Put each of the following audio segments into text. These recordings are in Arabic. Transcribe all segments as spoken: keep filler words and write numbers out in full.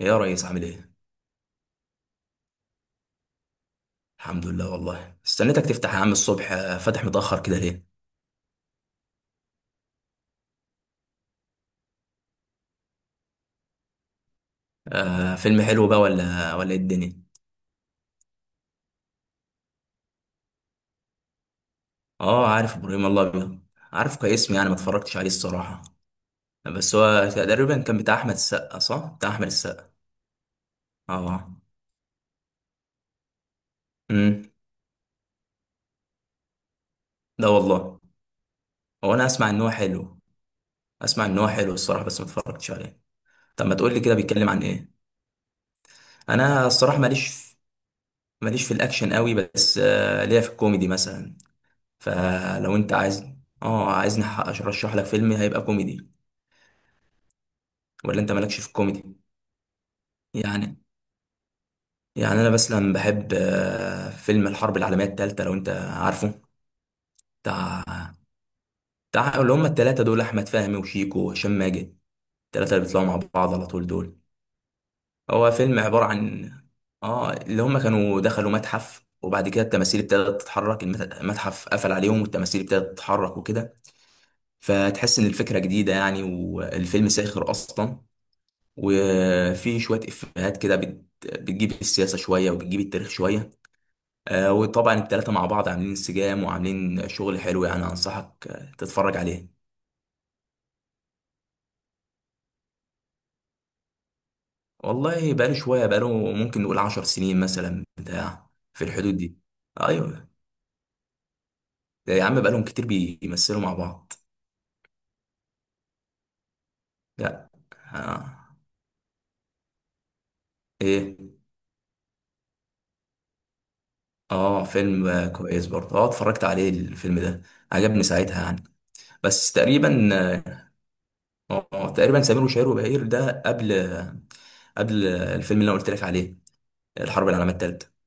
إيه يا ريس عامل ايه؟ الحمد لله والله استنيتك تفتح يا عم الصبح، آه، فاتح متأخر كده ليه؟ آه فيلم حلو بقى ولا ولا ايه الدنيا؟ اه، عارف ابراهيم الله ابيض. عارفه كاسم، يعني ما اتفرجتش عليه الصراحة. بس هو تقريبا كان بتاع احمد السقا صح؟ بتاع احمد السقا. اه. امم. ده والله. هو انا اسمع ان هو حلو. اسمع ان هو حلو الصراحة، بس ما اتفرجتش عليه. طب ما تقول لي كده بيتكلم عن ايه؟ انا الصراحة ماليش، ماليش في الاكشن قوي، بس آه ليا في الكوميدي مثلا. فلو انت عايز، اه، عايزني أح- ارشح لك فيلم هيبقى كوميدي، ولا انت مالكش في الكوميدي؟ يعني يعني انا مثلا بحب آه، فيلم الحرب العالميه الثالثه لو انت عارفه. بتاع بتاع اللي هم الثلاثه دول، احمد فهمي وشيكو وهشام ماجد، الثلاثه اللي بيطلعوا مع بعض على طول دول. هو فيلم عباره عن، اه اللي هم كانوا دخلوا متحف، وبعد كده التماثيل ابتدت تتحرك. المت- المتحف قفل عليهم والتماثيل ابتدت تتحرك وكده. فتحس ان الفكره جديده يعني، والفيلم ساخر اصلا. وفي شويه افيهات كده، بت... بتجيب السياسه شويه وبتجيب التاريخ شويه. آه، وطبعا التلاته مع بعض عاملين انسجام وعاملين شغل حلو، يعني انصحك آه، تتفرج عليه. والله بقاله شويه، بقاله ممكن نقول عشر سنين مثلا، بتاع في الحدود دي. ايوه. ده يا عم بقالهم كتير بيمثلوا مع بعض. لا. آه. ايه. اه، فيلم آه، كويس برضه، اه اتفرجت عليه الفيلم ده. عجبني ساعتها يعني. بس تقريبا، اه آه، تقريبا سمير وشهير وبهير ده قبل، قبل الفيلم اللي انا قلت لك عليه، الحرب العالميه الثالثه.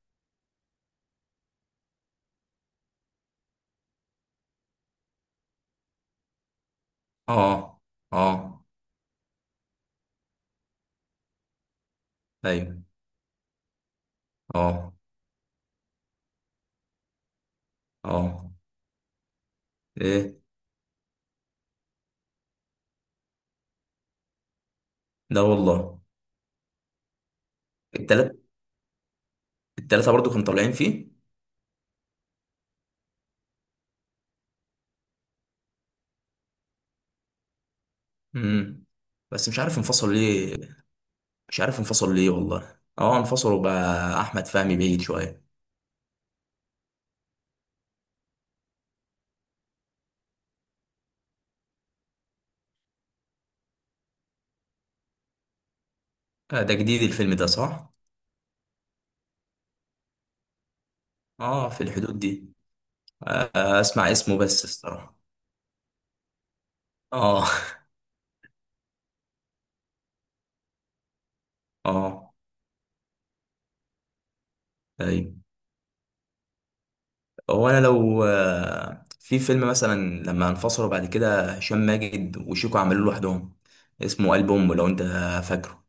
اه. اه. ايوه. اه. اه. ايه ده والله. التلات التلاته برضو كانوا طالعين فيه. امم بس مش عارف انفصل ليه. مش عارف انفصل ليه والله، اه انفصلوا بقى، احمد فهمي بعيد شويه. آه، ده جديد الفيلم ده صح. اه، في الحدود دي. آه، آه، اسمع اسمه بس الصراحه. اه. اه. ايوه. هو انا لو آه، في فيلم مثلا لما انفصلوا بعد كده، هشام ماجد وشيكو عملوا لوحدهم، اسمه قلب امه لو انت فاكره.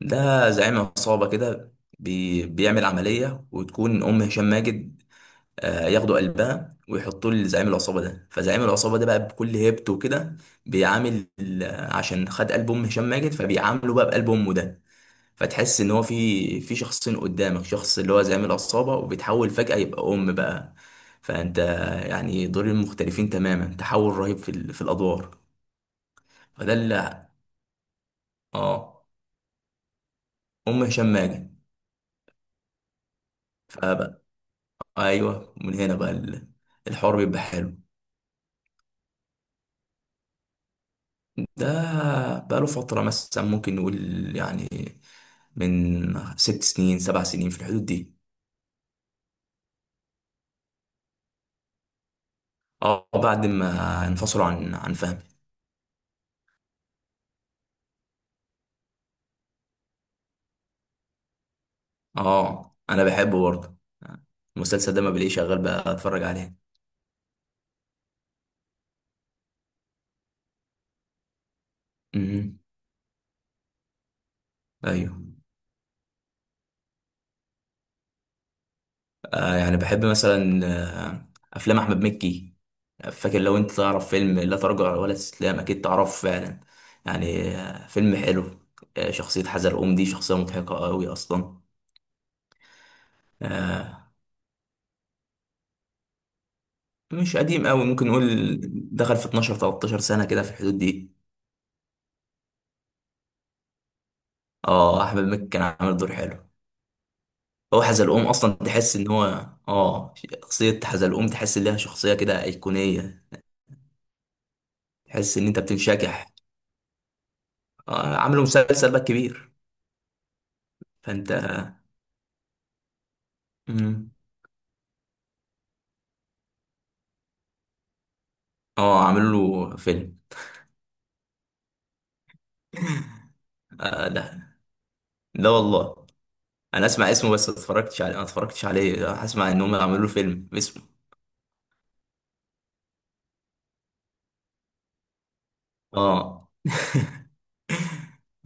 ده زعيم عصابه كده، بي بيعمل عمليه وتكون ام هشام ماجد. آه، ياخدوا قلبها ويحطوه لزعيم العصابه ده، فزعيم العصابه ده بقى بكل هيبته كده بيعامل، آه، عشان خد قلب ام هشام ماجد، فبيعامله بقى بقلب امه ده. فتحس ان هو في في شخصين قدامك، شخص اللي هو زعيم العصابة وبيتحول فجأة يبقى ام بقى. فانت يعني دورين مختلفين تماما، تحول رهيب في ال- في الادوار. فده اللي، اه، ام هشام ماجد فبقى. ايوه، من هنا بقى ال- الحوار بيبقى حلو. ده بقى له فترة مثلا، ممكن نقول يعني من ست سنين سبع سنين في الحدود دي. اه، بعد ما انفصلوا عن عن فهمي. اه، انا بحبه برضه المسلسل ده، ما بلاقيه شغال بقى اتفرج عليه. امم. ايوه. آه يعني بحب مثلا آه افلام احمد مكي. فاكر لو انت تعرف فيلم لا تراجع ولا استسلام، اكيد تعرفه فعلا، يعني آه فيلم حلو. آه شخصية حزلقوم دي شخصية مضحكة قوي اصلا. آه مش قديم قوي، ممكن نقول دخل في اتناشر تلتاشر سنة كده في الحدود دي. اه، احمد مكي كان عامل دور حلو. هو حزلقوم اصلا، تحس ان هو، اه، شخصيه حزلقوم تحس ان لها شخصيه كده ايقونيه. تحس ان انت بتنشكح. آه عملوا مسلسل بقى كبير. فانت. مم. اه، عملوا له فيلم. آه. لا. لا والله، انا اسمع اسمه بس ما اتفرجتش عليه، ما اتفرجتش عليه، هسمع ان هم عملوا له فيلم باسمه. اه.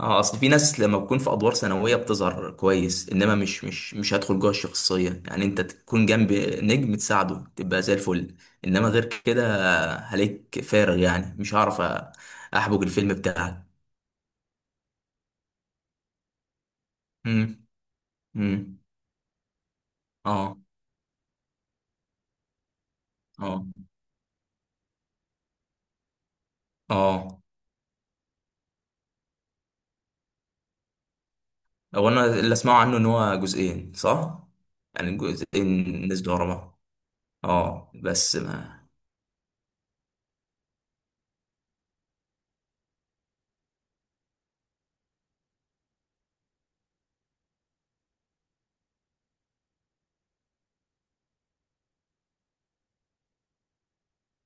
اه. اصل في ناس لما بتكون في ادوار ثانويه بتظهر كويس، انما مش مش مش هدخل جوه الشخصيه، يعني انت تكون جنب نجم تساعده تبقى زي الفل، انما غير كده هليك فارغ، يعني مش هعرف أ- احبك الفيلم بتاعك. امم. امم. اه. اه. اه. هو انا اللي اسمعه عنه ان هو جزئين صح؟ يعني جزئين نزلوا ورا بعض. اه، بس ما.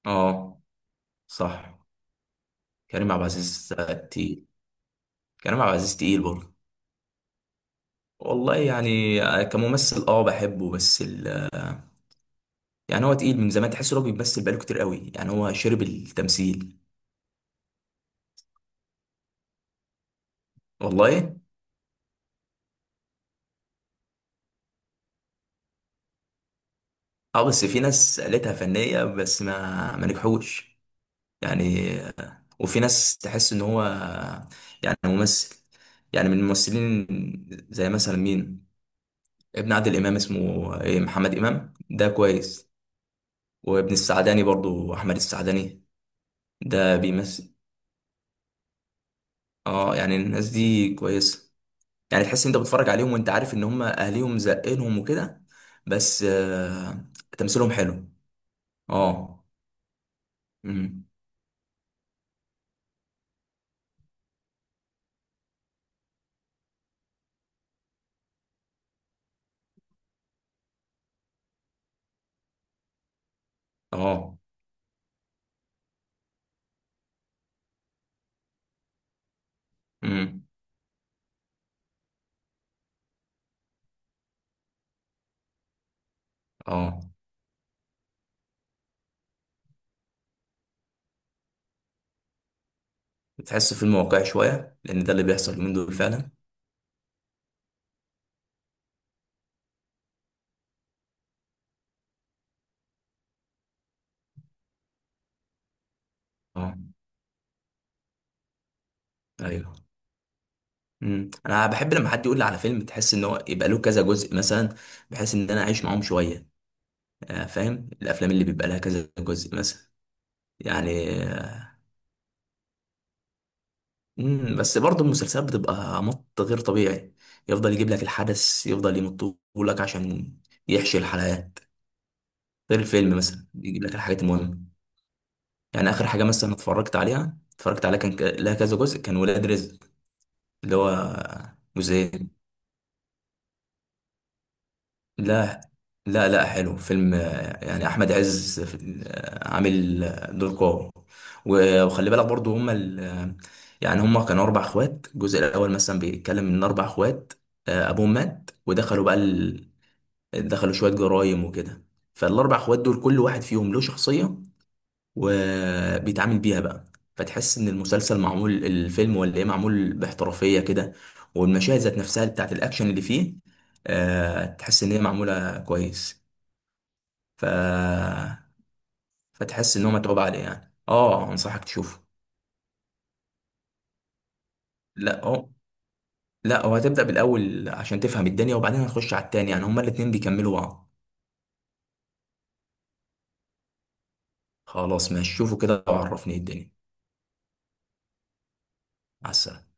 اه، صح. كريم عبد العزيز تقيل. كريم عبد العزيز تقيل برضه. والله يعني آه، كممثل اه بحبه، بس. ال... يعني هو تقيل من زمان، تحس إن هو بيمثل بقاله كتير قوي، يعني هو شرب التمثيل. والله، اه. بس في ناس قالتها فنية بس ما ما نجحوش يعني. وفي ناس تحس ان هو يعني ممثل، يعني من الممثلين. زي مثلا مين، ابن عادل امام اسمه ايه، محمد امام ده كويس. وابن السعداني برضو، احمد السعداني ده بيمثل. اه، يعني الناس دي كويسة، يعني تحس انت بتتفرج عليهم وانت عارف ان هم اهليهم زقينهم وكده، بس آه تمثيلهم حلو. اه. امم. اه. امم. اه، بتحس فيلم واقعي شويه، لان ده اللي بيحصل اليومين دول فعلا. اه. ايوه. امم انا بحب لما حد يقول لي على فيلم تحس ان هو يبقى له كذا جزء مثلا، بحيث ان انا اعيش معاهم شويه. آه فاهم الافلام اللي بيبقى لها كذا جزء مثلا، يعني. آه، امم بس برضه المسلسلات بتبقى مط غير طبيعي، يفضل يجيب لك الحدث، يفضل يمطه لك عشان يحشي الحلقات. غير الفيلم مثلا يجيب لك الحاجات المهمة، يعني آخر حاجة مثلا اتفرجت عليها اتفرجت عليها كان ك- لها كذا جزء، كان ولاد رزق، اللي هو جزئين. لا، لا، لا، حلو فيلم، آه، يعني احمد عز في ال- آه، عامل آه، دور قوي، و- وخلي بالك برضو هما ال- آه، يعني هما كانوا اربع اخوات. الجزء الاول مثلا بيتكلم ان اربع اخوات آه، ابوهم مات، ودخلوا بقى. ال... دخلوا شويه جرايم وكده. فالاربع اخوات دول كل واحد فيهم له شخصيه، وبيتعامل بيها بقى. فتحس ان المسلسل معمول، الفيلم ولا ايه، معمول باحترافيه كده. والمشاهد ذات نفسها بتاعت الاكشن اللي فيه آه تحس ان هي معموله كويس. ف فتحس ان هو متعوب عليه يعني، اه انصحك تشوفه. لا هو، لا هو هتبدا بالاول عشان تفهم الدنيا، وبعدين هتخش على التاني، يعني هما الاتنين بيكملوا بعض. خلاص ماشي، شوفوا كده وعرفني إيه الدنيا. مع السلامه.